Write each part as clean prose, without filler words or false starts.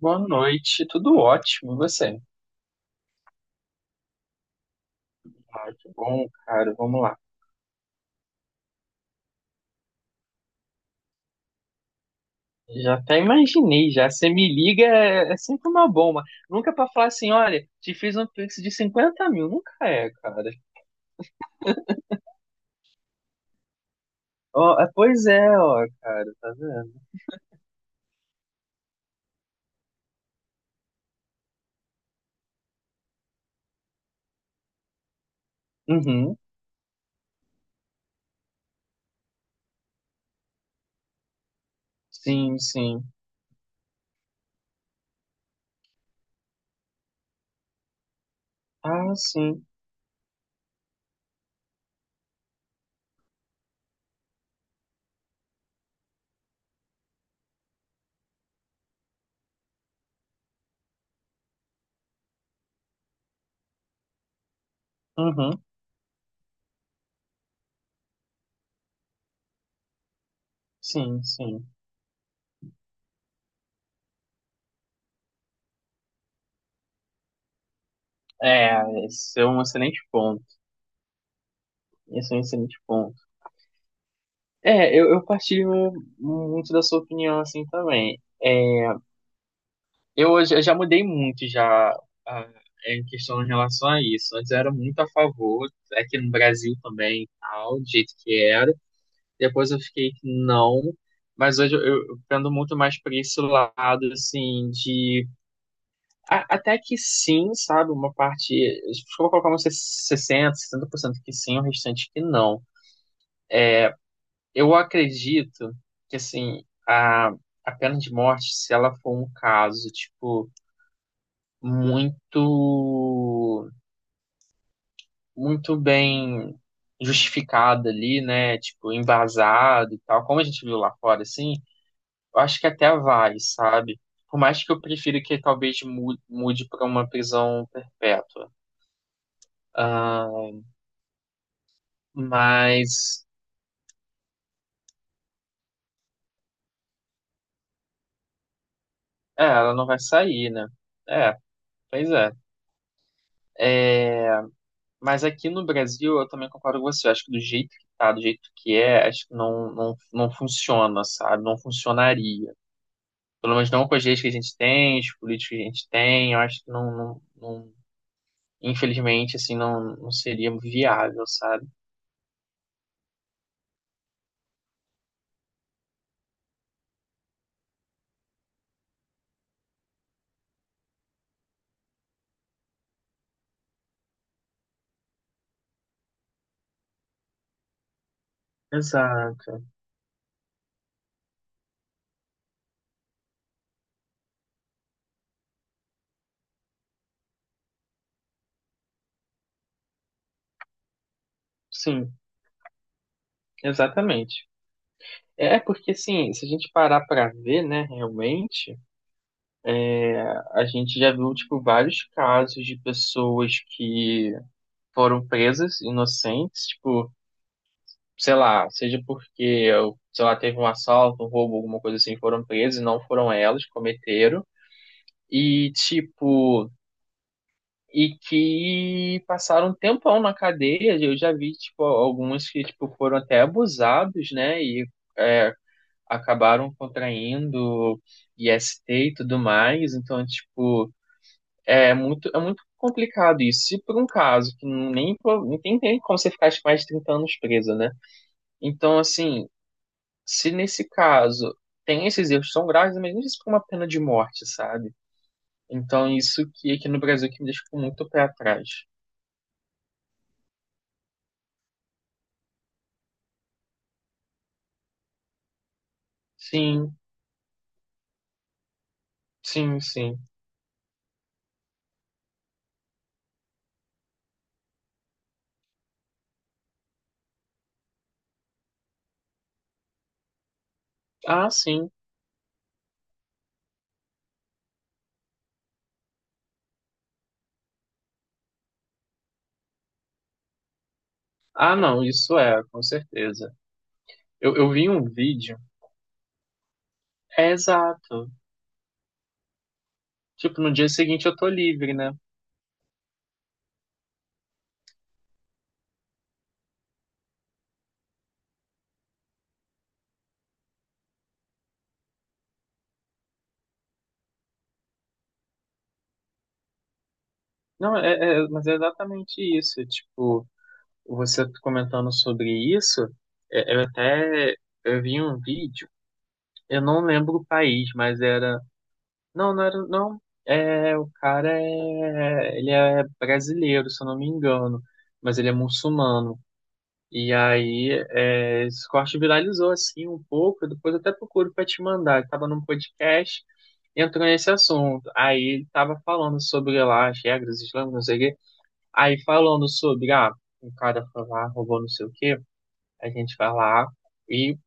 Boa noite, tudo ótimo, e você? Ah, que bom, cara. Vamos lá. Já até imaginei, já. Você me liga, é sempre uma bomba. Nunca é pra falar assim, olha, te fiz um pix de 50 mil. Nunca é, cara. Ó, é, pois é, ó, cara, tá vendo? Uhum, sim, sim. Ah, sim. Uhum, sim, sim. É, esse é um excelente ponto. Esse é um excelente ponto. É, eu partilho muito da sua opinião, assim, também. É, eu hoje eu já mudei muito já ah, em questão em relação a isso. Antes eu era muito a favor, aqui no Brasil também, e tal, do jeito que era. Depois eu fiquei que não, mas hoje eu pendo muito mais para esse lado assim de até que sim, sabe, uma parte, se for colocar uns sessenta por cento que sim, o restante que não. Eu acredito que assim, a pena de morte, se ela for um caso, tipo, muito muito bem justificada ali, né? Tipo, embasado e tal, como a gente viu lá fora, assim, eu acho que até vai, sabe? Por mais que eu prefira que talvez mude para uma prisão perpétua. Ah, mas, é, ela não vai sair, né? É, pois é. É, mas aqui no Brasil, eu também concordo com você. Eu acho que do jeito que tá, do jeito que é, acho que não, não, não funciona, sabe? Não funcionaria. Pelo menos não com as leis que a gente tem, os políticos que a gente tem, eu acho que não, não, não- infelizmente, assim, não, não seria viável, sabe? Exato. Sim, exatamente. É porque, assim, se a gente parar pra ver, né, realmente, a gente já viu, tipo, vários casos de pessoas que foram presas inocentes, tipo, sei lá, seja porque, sei lá, teve um assalto, um roubo, alguma coisa assim, foram presas e não foram elas que cometeram. E, tipo, e que passaram um tempão na cadeia. Eu já vi, tipo, alguns que, tipo, foram até abusados, né? E é, acabaram contraindo IST e tudo mais. Então, tipo, é muito complicado isso. Se por um caso que nem tem como você ficar tipo, mais de 30 anos preso, né? Então, assim, se nesse caso tem esses erros tão graves, mas não isso por uma pena de morte, sabe? Então, isso que aqui no Brasil que me deixa muito pé atrás. Sim, sim, sim. Ah, sim. Ah, não, isso é, com certeza. Eu vi um vídeo. É exato. Tipo, no dia seguinte eu tô livre, né? Não, mas é exatamente isso. Tipo, você comentando sobre isso, eu até eu vi um vídeo, eu não lembro o país, mas era. Não, não era. Não. É, o cara é. Ele é brasileiro, se eu não me engano. Mas ele é muçulmano. E aí, esse corte viralizou assim um pouco. Eu Depois até procuro para te mandar. Estava num podcast, entrou nesse assunto. Aí ele estava falando sobre lá as regras islâmicas, não sei o quê. Aí falando sobre, o cara foi lá, roubou não sei o quê. A gente vai lá e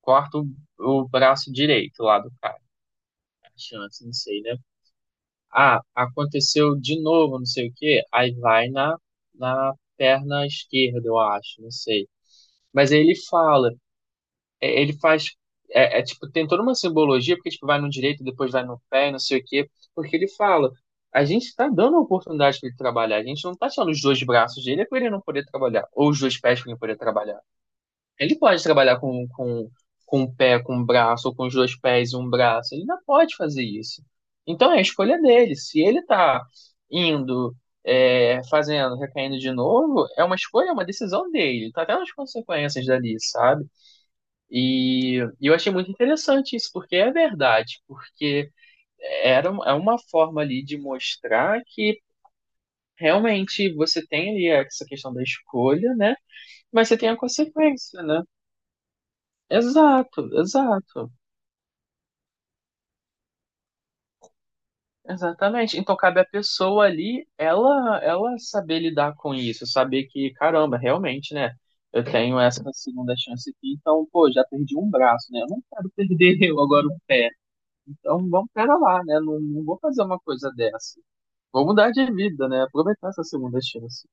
corta o braço direito lá do cara. A chance, não sei, né? Ah, aconteceu de novo, não sei o quê. Aí vai na perna esquerda, eu acho, não sei. Mas aí ele fala. Ele faz. É, tipo, tem toda uma simbologia, porque tipo, vai no direito, depois vai no pé, não sei o quê. Porque ele fala, a gente está dando a oportunidade para ele trabalhar, a gente não está tirando os dois braços dele é para ele não poder trabalhar, ou os dois pés para ele poder trabalhar. Ele pode trabalhar com o pé, com o braço, ou com os dois pés e um braço, ele não pode fazer isso. Então é a escolha dele. Se ele está indo, fazendo, recaindo de novo, é uma escolha, é uma decisão dele. Tá até nas consequências dali, sabe? E eu achei muito interessante isso, porque é verdade, porque é uma forma ali de mostrar que realmente você tem ali essa questão da escolha, né? Mas você tem a consequência, né? Exato, exato, exatamente. Então cabe à pessoa ali, ela saber lidar com isso, saber que, caramba, realmente, né? Eu tenho essa segunda chance aqui, então, pô, já perdi um braço, né? Eu não quero perder agora o pé. Então, vamos pera lá, né? Não, não vou fazer uma coisa dessa. Vou mudar de vida, né? Aproveitar essa segunda chance.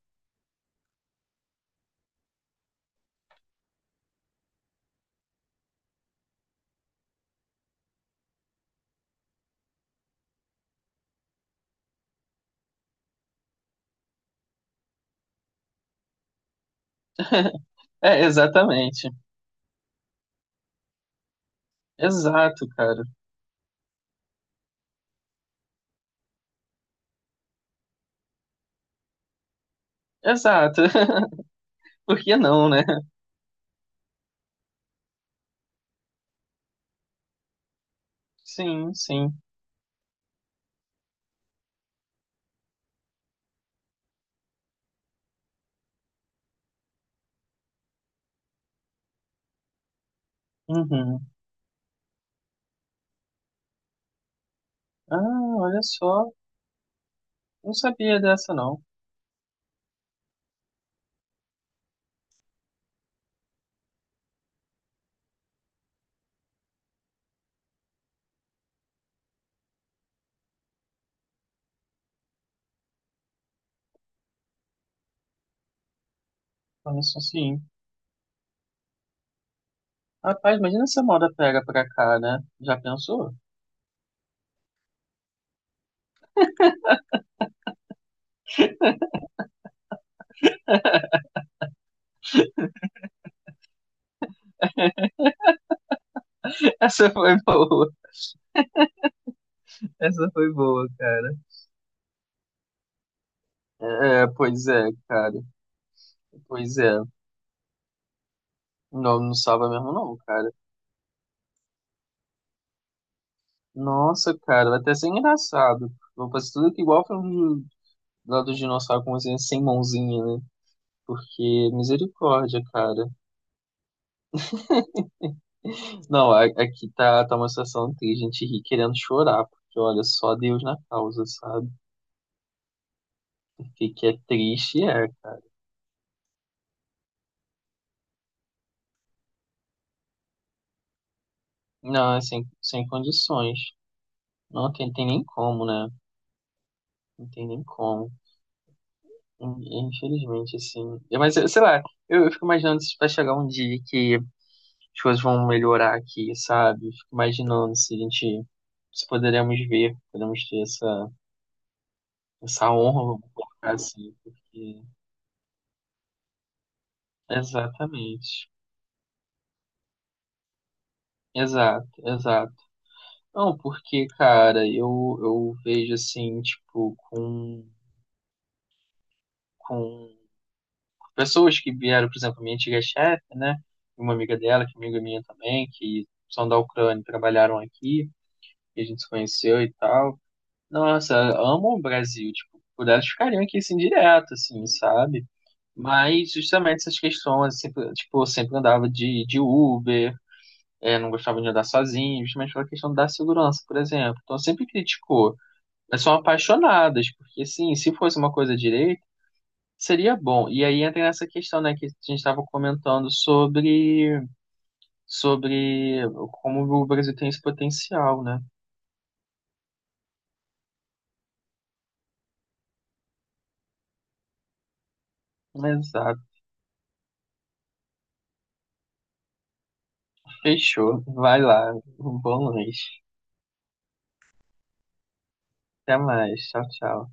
É, exatamente. Exato, cara. Exato. Por que não, né? Sim, sim. Uhum. Ah, olha só. Não sabia dessa, não. Olha só, sim. Rapaz, imagina se a moda pega pra cá, né? Já pensou? Essa foi boa. Essa foi boa, cara. É, pois é, cara. Pois é. Não, não salva mesmo, não, cara. Nossa, cara, vai até ser engraçado. Vou fazer tudo que igual foi um lá do dinossauro como assim, sem mãozinha, né? Porque, misericórdia, cara. Não, aqui tá uma situação triste, a gente ri querendo chorar, porque olha, só Deus na causa, sabe? O que que é triste é, cara. Não, é sem condições. Não tem nem como, né? Não tem nem como. Infelizmente, assim. É, mas, sei lá, eu fico imaginando se vai chegar um dia que as coisas vão melhorar aqui, sabe? Fico imaginando se a gente, se poderemos ver, poderemos ter essa honra, vamos colocar assim, porque. Exatamente. Exato, exato. Não, porque, cara, eu vejo assim, tipo, com, pessoas que vieram, por exemplo, minha antiga chefe, né? E uma amiga dela, que é amiga minha também, que são da Ucrânia, e trabalharam aqui, e a gente se conheceu e tal. Nossa, amam o Brasil, tipo, por elas ficariam aqui assim direto, assim, sabe? Mas justamente essas questões, sempre, tipo, eu sempre andava de Uber não gostava de andar sozinho, justamente pela questão da segurança, por exemplo. Então sempre criticou. Mas são apaixonadas, porque sim, se fosse uma coisa direita, seria bom. E aí entra nessa questão, né, que a gente estava comentando sobre como o Brasil tem esse potencial, né? Exato. Fechou. Vai lá. Um bom lanche. Até mais. Tchau, tchau.